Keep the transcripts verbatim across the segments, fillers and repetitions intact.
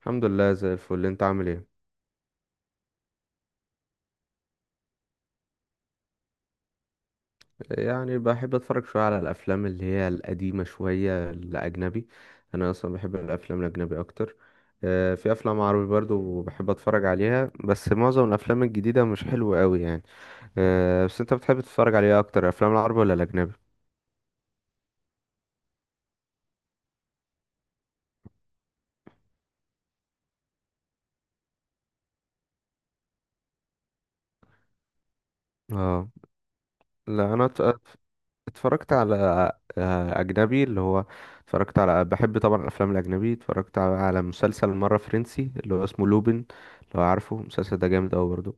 الحمد لله زي الفل، انت عامل ايه؟ يعني بحب اتفرج شويه على الافلام اللي هي القديمه شويه الاجنبي. انا اصلا بحب الافلام الاجنبي اكتر. آه، في افلام عربي برضو بحب اتفرج عليها، بس معظم الافلام الجديده مش حلوه قوي يعني. آه، بس انت بتحب تتفرج عليها اكتر، الافلام العربي ولا الاجنبي؟ اه، لا انا ات- ات- اتفرجت على آه، اجنبي اللي هو، اتفرجت على، بحب طبعا الافلام الاجنبي، اتفرجت على على مسلسل مره فرنسي اللي هو اسمه لوبين، لو عارفه المسلسل ده، جامد قوي برضو.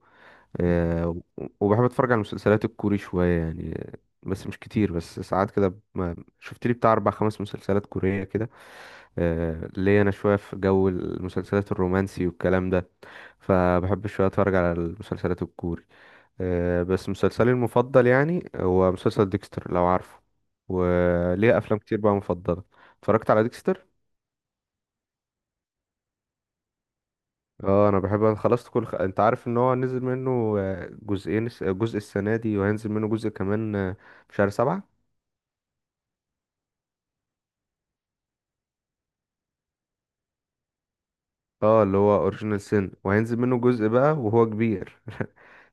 آه، وبحب اتفرج على المسلسلات الكوري شوية يعني، بس مش كتير، بس ساعات كده ما- شفت لي بتاع اربع خمس مسلسلات كورية كده. آه، ليا انا شوية في جو المسلسلات الرومانسي والكلام ده، فبحب شوية اتفرج على المسلسلات الكوري. آه، بس مسلسلي المفضل يعني هو مسلسل ديكستر، لو عارفه، وليه افلام كتير بقى مفضلة. اتفرجت على ديكستر. اه انا بحب، انا خلصت كل خ... انت عارف ان هو نزل منه آه، جزئين، الس- جزء السنه دي وهينزل منه جزء كمان آه، في شهر سبعة. اه اللي هو اوريجينال سين، وهينزل منه جزء بقى وهو كبير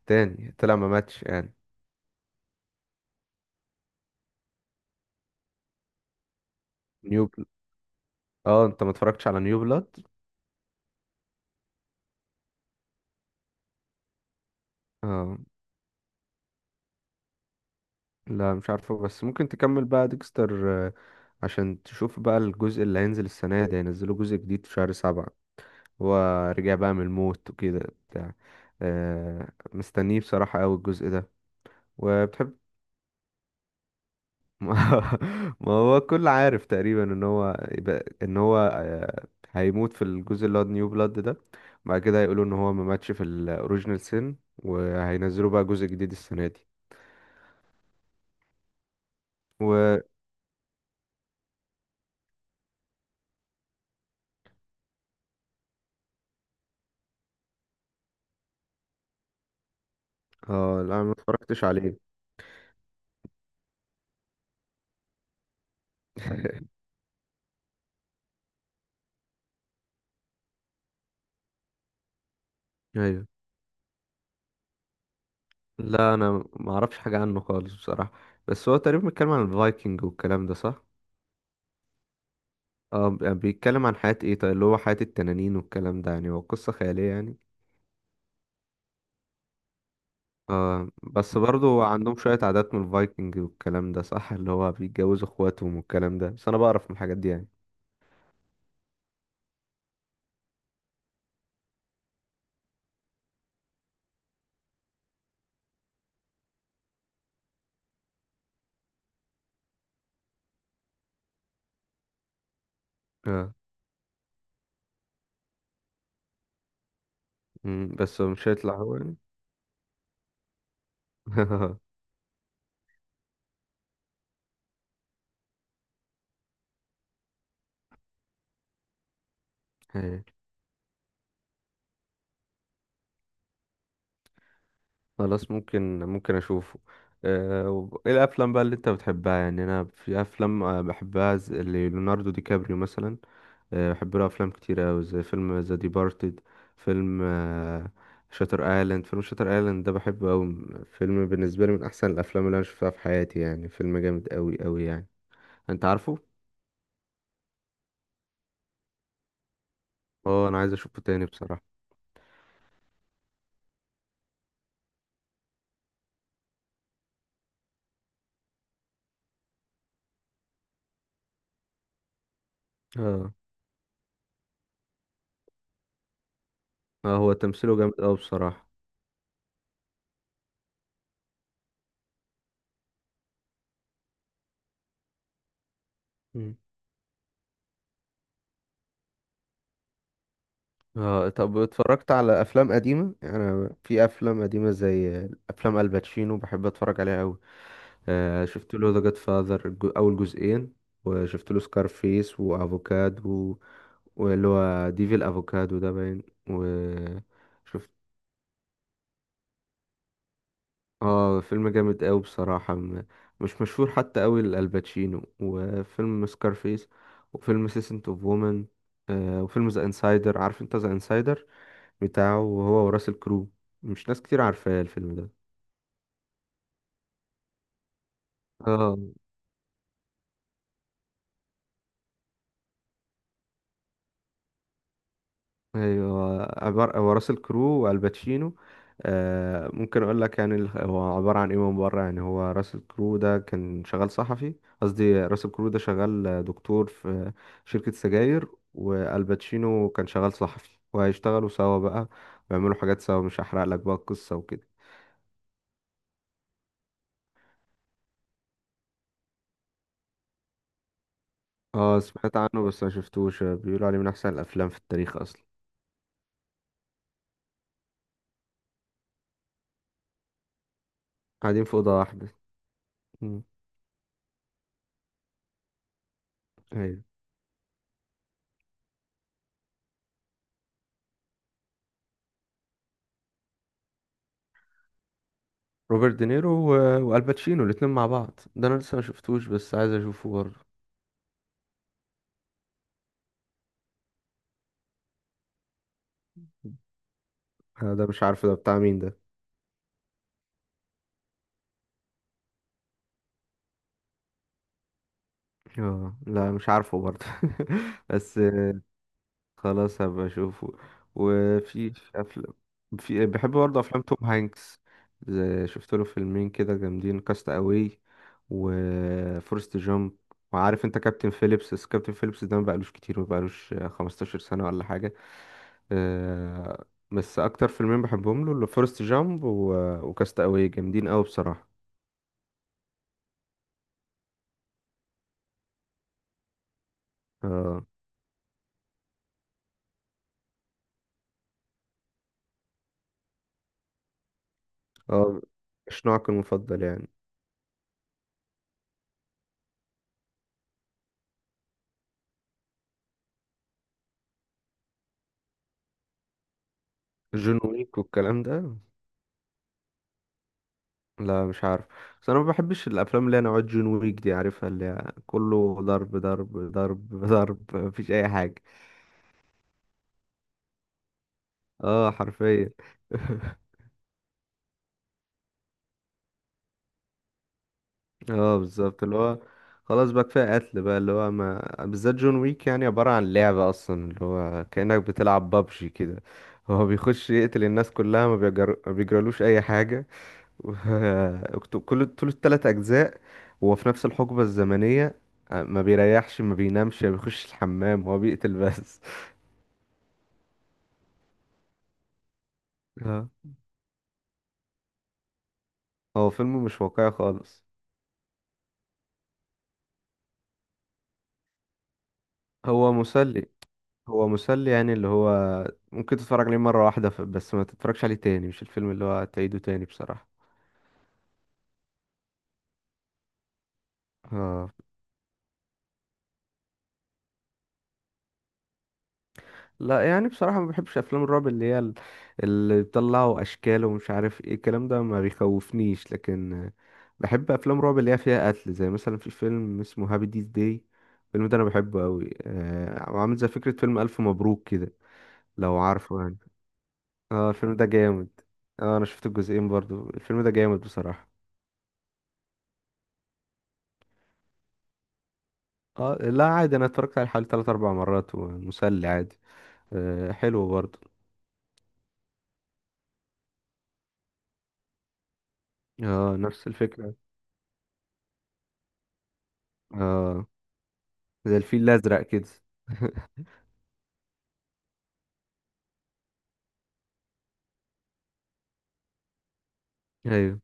تاني. طلع ما ماتش يعني. نيو بل... اه انت ما اتفرجتش على نيو بلاد؟ اه لا مش عارفه، بس ممكن تكمل بقى ديكستر آه، عشان تشوف بقى الجزء اللي هينزل السنه دي، هينزلوا جزء جديد في شهر سبعة. هو رجع بقى من الموت وكده، بتاع، آه، مستنيه بصراحه قوي الجزء ده. وبتحب. ما هو كل عارف تقريبا ان هو يبقى ان هو آه، هيموت في الجزء اللي هو نيو بلاد ده، بعد كده هيقولوا ان هو ما ماتش في الاوريجينال سين وهينزلوا بقى جزء جديد السنه دي. و اه لا ما اتفرجتش عليه. ايوه، لا انا ما اعرفش حاجه عنه خالص بصراحه، بس هو تقريبا بيتكلم عن الفايكنج والكلام ده، صح؟ اه بيتكلم عن حياه ايه طيب، اللي هو حياه التنانين والكلام ده، يعني هو قصه خياليه يعني. آه بس برضو عندهم شوية عادات من الفايكنج والكلام ده، صح؟ اللي هو بيتجوزوا اخواتهم والكلام ده، بس انا بعرف من الحاجات دي يعني. اه. مم، بس مش هيطلع هو يعني. إيه، خلاص، ممكن ممكن اشوفه. آه، وب- ايه الافلام بقى اللي انت بتحبها يعني؟ انا في افلام آه، بحبها زي اللي ليوناردو دي كابريو مثلا. آه، بحب له افلام كتير اوي زي فيلم ذا ديبارتد، فيلم شاتر ايلاند. فيلم شاتر ايلاند ده بحبه اوي، فيلم بالنسبه لي من احسن الافلام اللي انا شفتها في حياتي يعني، فيلم جامد اوي اوي يعني، انت عارفه. اه انا عايز اشوفه تاني بصراحه. اه. اه هو تمثيله جامد اوي بصراحه. مم. اه طب اتفرجت على افلام قديمه؟ يعني انا في افلام قديمه زي افلام الباتشينو بحب اتفرج عليها اوي. آه، شفت له ذا جاد فاذر اول جزئين، وشفت له سكارفيس وافوكادو، واللي هو ديفل افوكادو ده باين، وشفت. اه فيلم جامد قوي بصراحة، م- مش مشهور حتى قوي لالباتشينو. وفيلم سكارفيس، وفيلم سيسنت اوف وومن، وفيلم ذا انسايدر. عارف انت ذا انسايدر؟ بتاعه هو وراسل كرو، مش ناس كتير عارفاه الفيلم ده. اه ايوه، عبارة هو راس الكرو والباتشينو. آه ممكن اقول لك يعني، ال- هو عبارة عن ايه من بره يعني، هو راس الكرو ده كان شغال صحفي، قصدي راس الكرو ده شغال دكتور في شركة سجاير، والباتشينو كان شغال صحفي، وهيشتغلوا سوا بقى، ويعملوا حاجات سوا. مش هحرق لك بقى القصة وكده. اه سمعت عنه بس ما شفتوش، بيقولوا عليه من احسن الافلام في التاريخ اصلا. قاعدين في اوضة واحدة. مم. أيوة. روبرت دينيرو و- والباتشينو الاتنين مع بعض، ده انا لسه ما شفتوش، بس عايز اشوفه برضه. آه، ده مش عارف ده بتاع مين ده. اه لا مش عارفه برضه. بس خلاص، هبقى اشوفه. وفي افلام. في بحب برضه افلام توم هانكس، زي، شفت له فيلمين كده جامدين، كاست اواي وفورست جامب. وعارف انت كابتن فيليبس؟ بس كابتن فيليبس ده ما بقالوش كتير، ما بقالوش 15 سنة ولا حاجة. آه، بس اكتر فيلمين بحبهم له اللي فورست جامب و... وكاست اواي، جامدين قوي بصراحه. اه. اه مش نوعك المفضل يعني. جون ويك والكلام ده. لا مش عارف، بس انا ما بحبش الافلام اللي هي نوعات جون ويك دي، عارفها، اللي هي كله ضرب ضرب ضرب ضرب، مفيش اي حاجه. اه حرفيا. اه بالظبط، اللي هو خلاص بقى كفايه قتل بقى، اللي هو ما بالذات جون ويك يعني عباره عن لعبه اصلا، اللي هو كانك بتلعب بابجي كده، هو بيخش يقتل الناس كلها، ما بيجر... ما بيجرالوش اي حاجه. و وكت- كل طول الثلاث اجزاء هو في نفس الحقبه الزمنيه، آه، ما بيريحش ما بينامش ما بيخش الحمام، هو بيقتل بس. اه. هو فيلم مش واقعي خالص. هو مسلي، هو مسلي يعني اللي هو ممكن تتفرج عليه مرة واحدة، ف- بس ما تتفرجش عليه تاني، مش الفيلم اللي هو تعيده تاني بصراحة. اه. لا يعني بصراحة ما بحبش أفلام الرعب اللي هي ال- اللي بيطلعوا أشكال ومش عارف ايه الكلام ده، ما بيخوفنيش. لكن بحب أفلام رعب اللي هي فيها قتل، زي مثلا في فيلم اسمه هابي ديز داي. الفيلم ده أنا بحبه أوي، آه عامل زي فكرة فيلم ألف مبروك كده، لو عارفه يعني. اه الفيلم ده جامد. اه أنا شفت الجزئين برضو، الفيلم ده جامد بصراحة. اه لا عادي، انا اتفرجت عليه حوالي تلات اربع مرات، ومسلي عادي. آه حلو برضه. اه نفس الفكرة. اه زي الفيل الازرق كده. ايوه.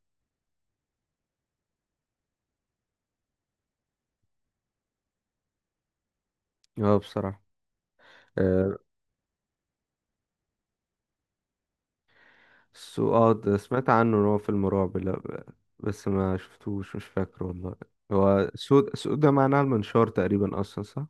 اه بصراحة. آه سو. اه ده سمعت عنه ان هو فيلم رعب، لا ب- بس ما شفتوش، مش فاكر والله. هو سود، سود ده معناه المنشار تقريبا اصلا، صح؟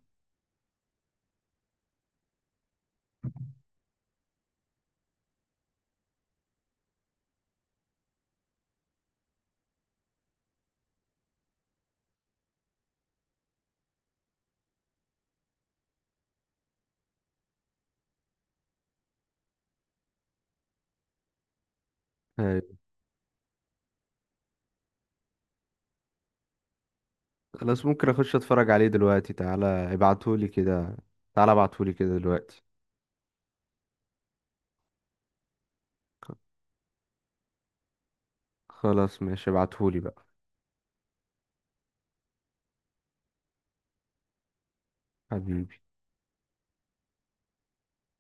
ايوه خلاص ممكن اخش اتفرج عليه دلوقتي، تعالى ابعتهولي كده، تعالى ابعتهولي كده دلوقتي. خلاص ماشي ابعتهولي بقى. حبيبي.